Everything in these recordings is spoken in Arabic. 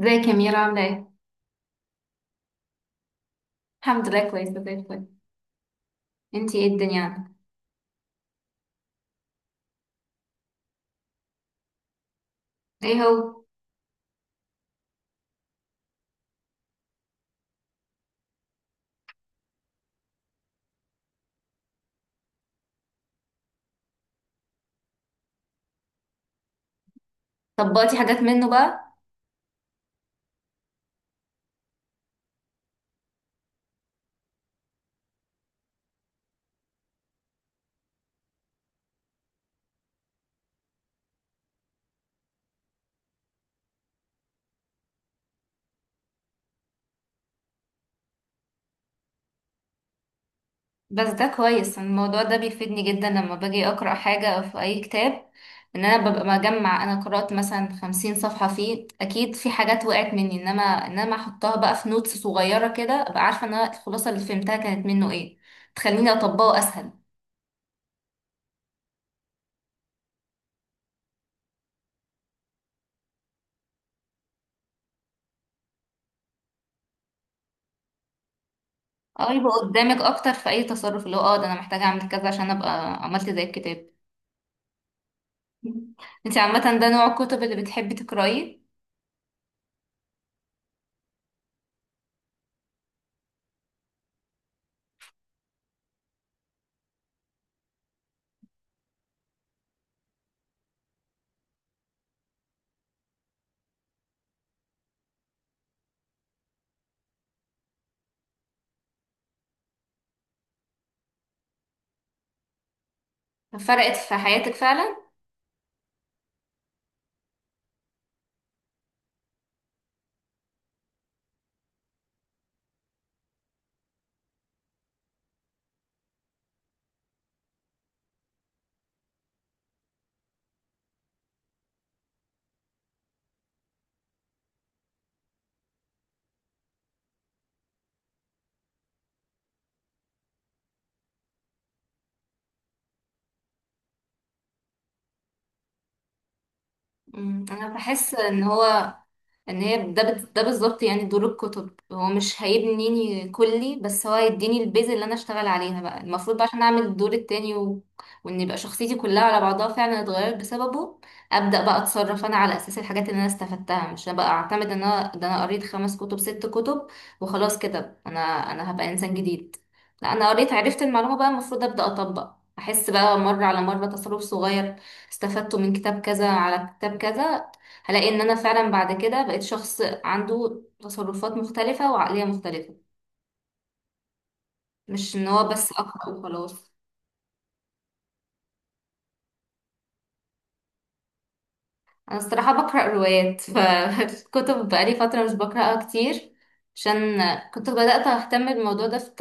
ازيك يا ميرا عاملة ايه؟ الحمد لله، كويسة زي الفل. انتي ايه الدنيا عندك؟ ايه هو؟ طبقتي حاجات منه بقى؟ بس ده كويس، الموضوع ده بيفيدني جدا لما باجي أقرأ حاجة أو في أي كتاب، إن أنا ببقى مجمع. أنا قرأت مثلا 50 صفحة فيه، أكيد في حاجات وقعت مني، إنما أحطها بقى في نوتس صغيرة كده، أبقى عارفة إن أنا الخلاصة اللي فهمتها كانت منه ايه، تخليني أطبقه أسهل. اه، يبقى قدامك أكتر في أي تصرف، اللي هو ده، أنا محتاجة أعمل كذا عشان أبقى عملت زي الكتاب. انت عامة ده نوع الكتب اللي بتحبي تقرأيه؟ فرقت في حياتك فعلا؟ انا بحس ان هو، ان هي ده بالظبط، يعني دور الكتب هو مش هيبنيني كلي، بس هو هيديني البيز اللي انا اشتغل عليها بقى المفروض بقى عشان اعمل الدور التاني وان يبقى شخصيتي كلها على بعضها فعلا اتغيرت بسببه. ابدا بقى اتصرف انا على اساس الحاجات اللي انا استفدتها، مش بقى اعتمد ان انا ده، انا قريت خمس كتب ست كتب وخلاص كده، انا هبقى انسان جديد. لا، انا قريت عرفت المعلومه، بقى المفروض ابدا اطبق، احس بقى مره على مره تصرف صغير استفدته من كتاب كذا على كتاب كذا، هلاقي ان انا فعلا بعد كده بقيت شخص عنده تصرفات مختلفة وعقلية مختلفة، مش ان هو بس اقرأ وخلاص. انا الصراحه بقرا روايات، فالكتب بقالي فتره مش بقراها كتير. عشان كنت بدات اهتم بالموضوع ده في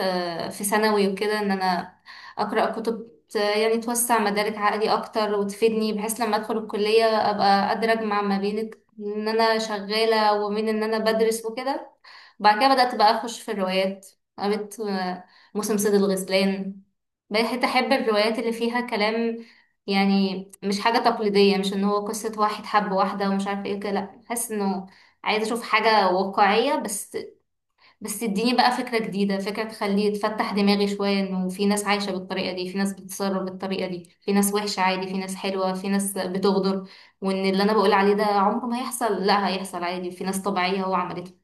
في ثانوي وكده، ان انا اقرا كتب يعني توسع مدارك عقلي اكتر وتفيدني، بحيث لما ادخل الكليه ابقى قادره اجمع ما بين ان انا شغاله وبين ان انا بدرس وكده. بعد كده بدات بقى اخش في الروايات، قريت موسم صيد الغزلان، بقيت احب الروايات اللي فيها كلام، يعني مش حاجة تقليدية، مش ان هو قصة واحد حب واحدة ومش عارفة ايه كده، لا حاسس انه عايزة اشوف حاجة واقعية، بس بس تديني بقى فكرة جديدة، فكرة تخليه تفتح دماغي شوية، انه في ناس عايشة بالطريقة دي، في ناس بتتصرف بالطريقة دي، في ناس وحشة عادي، في ناس حلوة، في ناس بتغدر، وان اللي انا بقول عليه ده عمره ما هيحصل، لا هيحصل عادي، في ناس طبيعية هو عملته.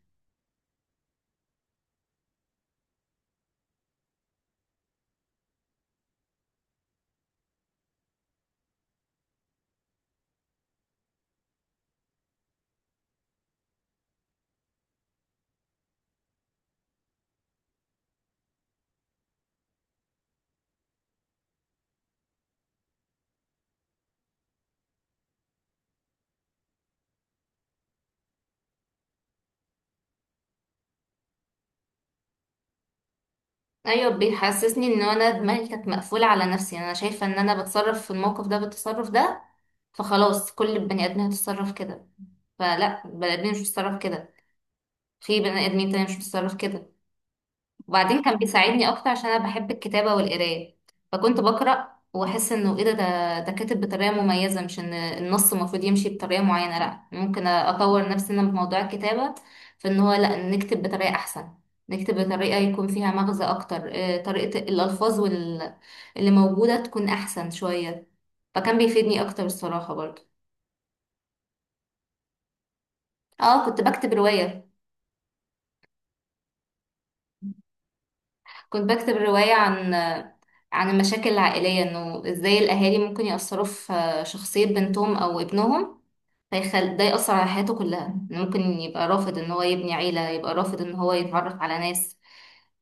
ايوه، بيحسسني ان انا دماغي كانت مقفولة على نفسي، يعني انا شايفة ان انا بتصرف في الموقف ده بالتصرف ده، فخلاص كل البني ادمين هتتصرف كده. فلا، البني ادمين مش بتتصرف كده، في بني ادمين تاني مش بتتصرف كده. وبعدين كان بيساعدني اكتر عشان انا بحب الكتابه والقرايه. فكنت بقرا واحس انه ايه ده كاتب بطريقه مميزه، مش ان النص المفروض يمشي بطريقه معينه، لا ممكن اطور نفسي انا في موضوع الكتابه، في ان هو لا، نكتب بطريقه احسن، نكتب بطريقه يكون فيها مغزى اكتر، طريقه الالفاظ اللي موجوده تكون احسن شويه، فكان بيفيدني اكتر الصراحه برضه. اه، كنت بكتب روايه عن المشاكل العائلية، انه ازاي الاهالي ممكن يأثروا في شخصية بنتهم او ابنهم، ده يأثر على حياته كلها، إنه ممكن يبقى رافض ان هو يبني عيلة، يبقى رافض ان هو يتعرف على ناس،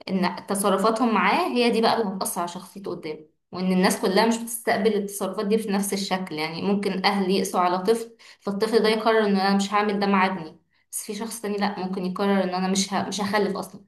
ان تصرفاتهم معاه هي دي بقى اللي هتأثر على شخصيته قدام. وان الناس كلها مش بتستقبل التصرفات دي في نفس الشكل، يعني ممكن اهل يقسوا على طفل فالطفل ده يقرر ان انا مش هعمل ده مع ابني، بس في شخص تاني لا، ممكن يقرر ان انا مش هخلف اصلا.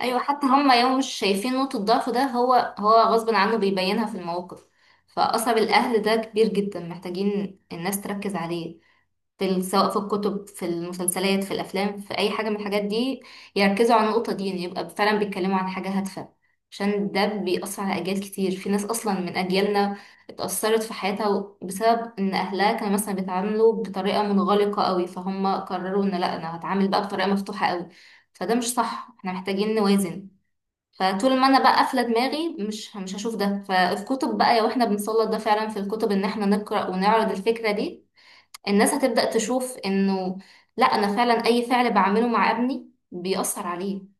ايوه، حتى هم يوم مش شايفين نقطة ضعفه ده، هو هو غصب عنه بيبينها في المواقف. فأثر الأهل ده كبير جدا، محتاجين الناس تركز عليه في، سواء في الكتب، في المسلسلات، في الأفلام، في أي حاجة من الحاجات دي، يركزوا على النقطة دي إن يبقى فعلا بيتكلموا عن حاجة هادفة. عشان ده بيأثر على أجيال كتير، في ناس أصلا من أجيالنا اتأثرت في حياتها بسبب إن أهلها كانوا مثلا بيتعاملوا بطريقة منغلقة قوي، فهم قرروا إن لأ، أنا هتعامل بقى بطريقة مفتوحة قوي، فده مش صح، احنا محتاجين نوازن. فطول ما انا بقى قافله دماغي مش هشوف ده، فالكتب بقى لو احنا بنسلط ده فعلا في الكتب ان احنا نقرا ونعرض الفكره دي، الناس هتبدا تشوف انه لا، انا فعلا اي فعل بعمله مع ابني بيأثر عليه.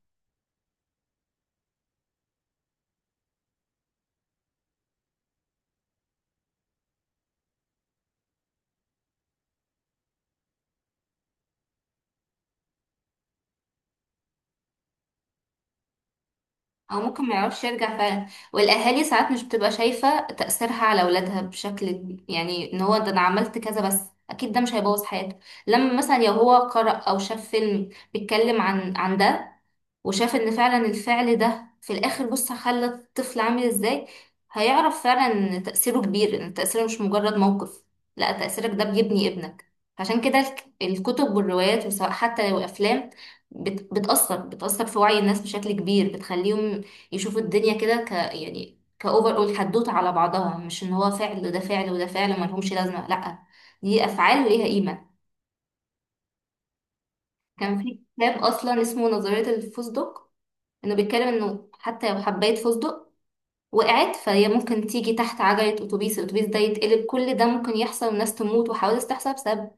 او ممكن ما يعرفش يرجع فعلا. والاهالي ساعات مش بتبقى شايفه تأثيرها على اولادها بشكل كبير، يعني ان هو ده، انا عملت كذا بس، اكيد ده مش هيبوظ حياته. لما مثلا لو هو قرأ او شاف فيلم بيتكلم عن ده، وشاف ان فعلا الفعل ده في الاخر، بص خلى الطفل عامل ازاي، هيعرف فعلا ان تأثيره كبير، ان تأثيره مش مجرد موقف، لا تأثيرك ده بيبني ابنك. عشان كده الكتب والروايات، وسواء حتى لو افلام، بتأثر في وعي الناس بشكل كبير، بتخليهم يشوفوا الدنيا كده، يعني كأوفر أول حدوتة على بعضها، مش ان هو فعل وده فعل وده فعل وملهمش لازمة، لا دي أفعال وليها قيمة. كان في كتاب أصلا اسمه نظرية الفوزدوك، انه بيتكلم انه حتى لو حباية فستق وقعت، فهي ممكن تيجي تحت عجلة اتوبيس، الاتوبيس ده يتقلب، كل ده ممكن يحصل والناس تموت وحوادث تحصل بسبب،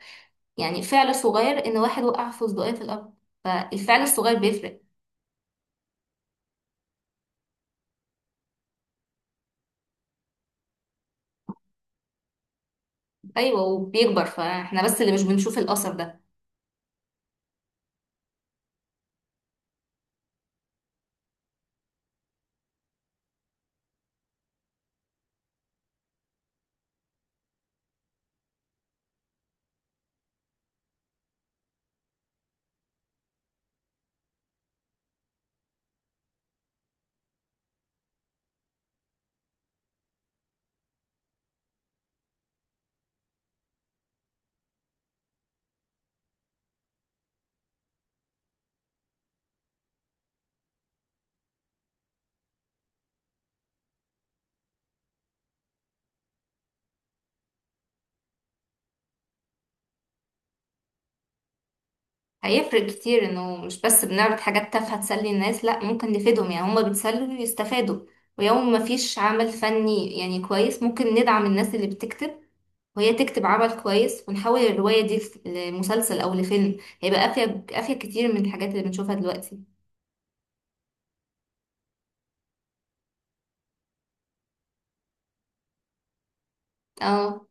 يعني فعل صغير ان واحد وقع فستقية في الارض، فالفعل الصغير بيفرق. ايوه، وبيكبر، فاحنا بس اللي مش بنشوف الاثر ده. هيفرق كتير انه مش بس بنعرض حاجات تافهة تسلي الناس، لا ممكن نفيدهم، يعني هما بيتسلوا ويستفادوا. ويوم ما فيش عمل فني يعني كويس، ممكن ندعم الناس اللي بتكتب وهي تكتب عمل كويس، ونحول الرواية دي لمسلسل أو لفيلم، هيبقى أفيد، أفيد كتير من الحاجات اللي بنشوفها دلوقتي. اه،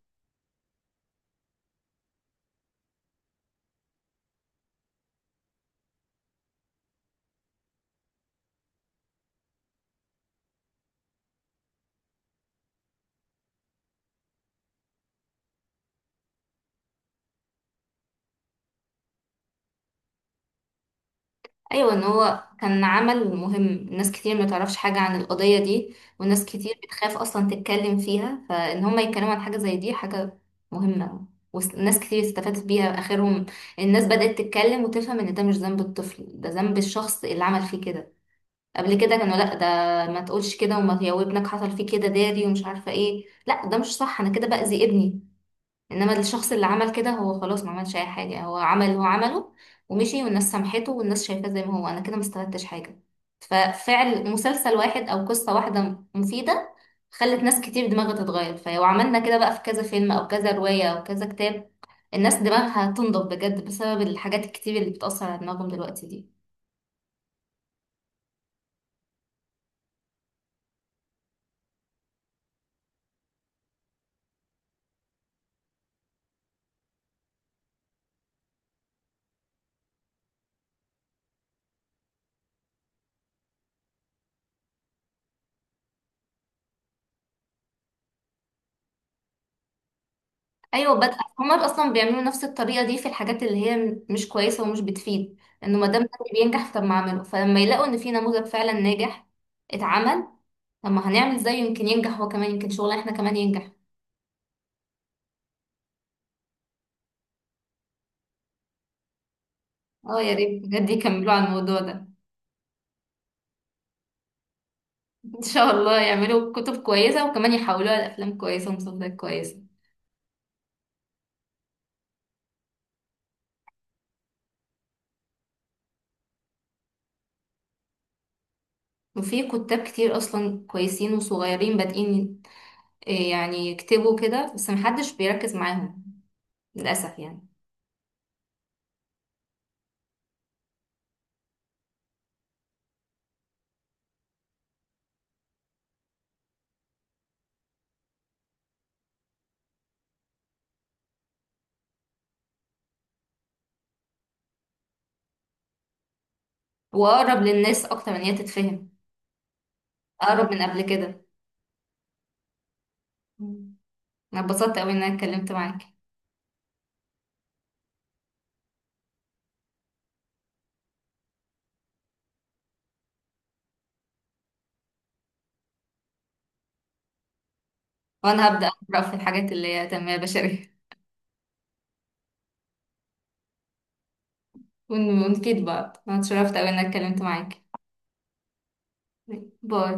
أيوة، إن هو كان عمل مهم. ناس كتير ما تعرفش حاجة عن القضية دي، وناس كتير بتخاف أصلا تتكلم فيها، فإن هما يتكلموا عن حاجة زي دي حاجة مهمة. وناس كتير استفادت بيها، آخرهم الناس بدأت تتكلم وتفهم إن ده مش ذنب الطفل، ده ذنب الشخص اللي عمل فيه كده. قبل كده كانوا لا، ده ما تقولش كده، وما، يا ابنك حصل فيه كده داري، ومش عارفه ايه، لا ده مش صح، انا كده باذي ابني. انما الشخص اللي عمل كده هو خلاص ما عملش اي حاجه، هو عمل اللي هو عمله ومشي، والناس سامحته والناس شايفاه زي ما هو، انا كده ما استفدتش حاجه. ففعل مسلسل واحد او قصه واحده مفيده خلت ناس كتير دماغها تتغير، فلو عملنا كده بقى في كذا فيلم او كذا روايه او كذا كتاب، الناس دماغها تنضب بجد بسبب الحاجات الكتير اللي بتأثر على دماغهم دلوقتي دي. ايوه بدأ، هما اصلا بيعملوا نفس الطريقه دي في الحاجات اللي هي مش كويسه ومش بتفيد، انه ما دام ده اللي بينجح طب ما اعمله، فلما يلاقوا ان في نموذج فعلا ناجح اتعمل، طب ما هنعمل زيه يمكن ينجح هو كمان، يمكن شغلنا احنا كمان ينجح. اه، يا ريت بجد يكملوا على الموضوع ده. ان شاء الله يعملوا كتب كويسه وكمان يحولوها لافلام كويسه ومسلسلات كويسه. وفي كتاب كتير اصلا كويسين وصغيرين بادئين إيه، يعني يكتبوا كده، بس محدش بيركز معاهم للاسف يعني. واقرب للناس اكتر من هي تتفهم، اقرب من قبل كده. مم. انا اتبسطت قوي ان انا اتكلمت معاك. وانا هبدأ اقرأ في الحاجات اللي هي تنمية بشرية. ونفيد بعض. انا اتشرفت قوي ان انا اتكلمت معاك. باي.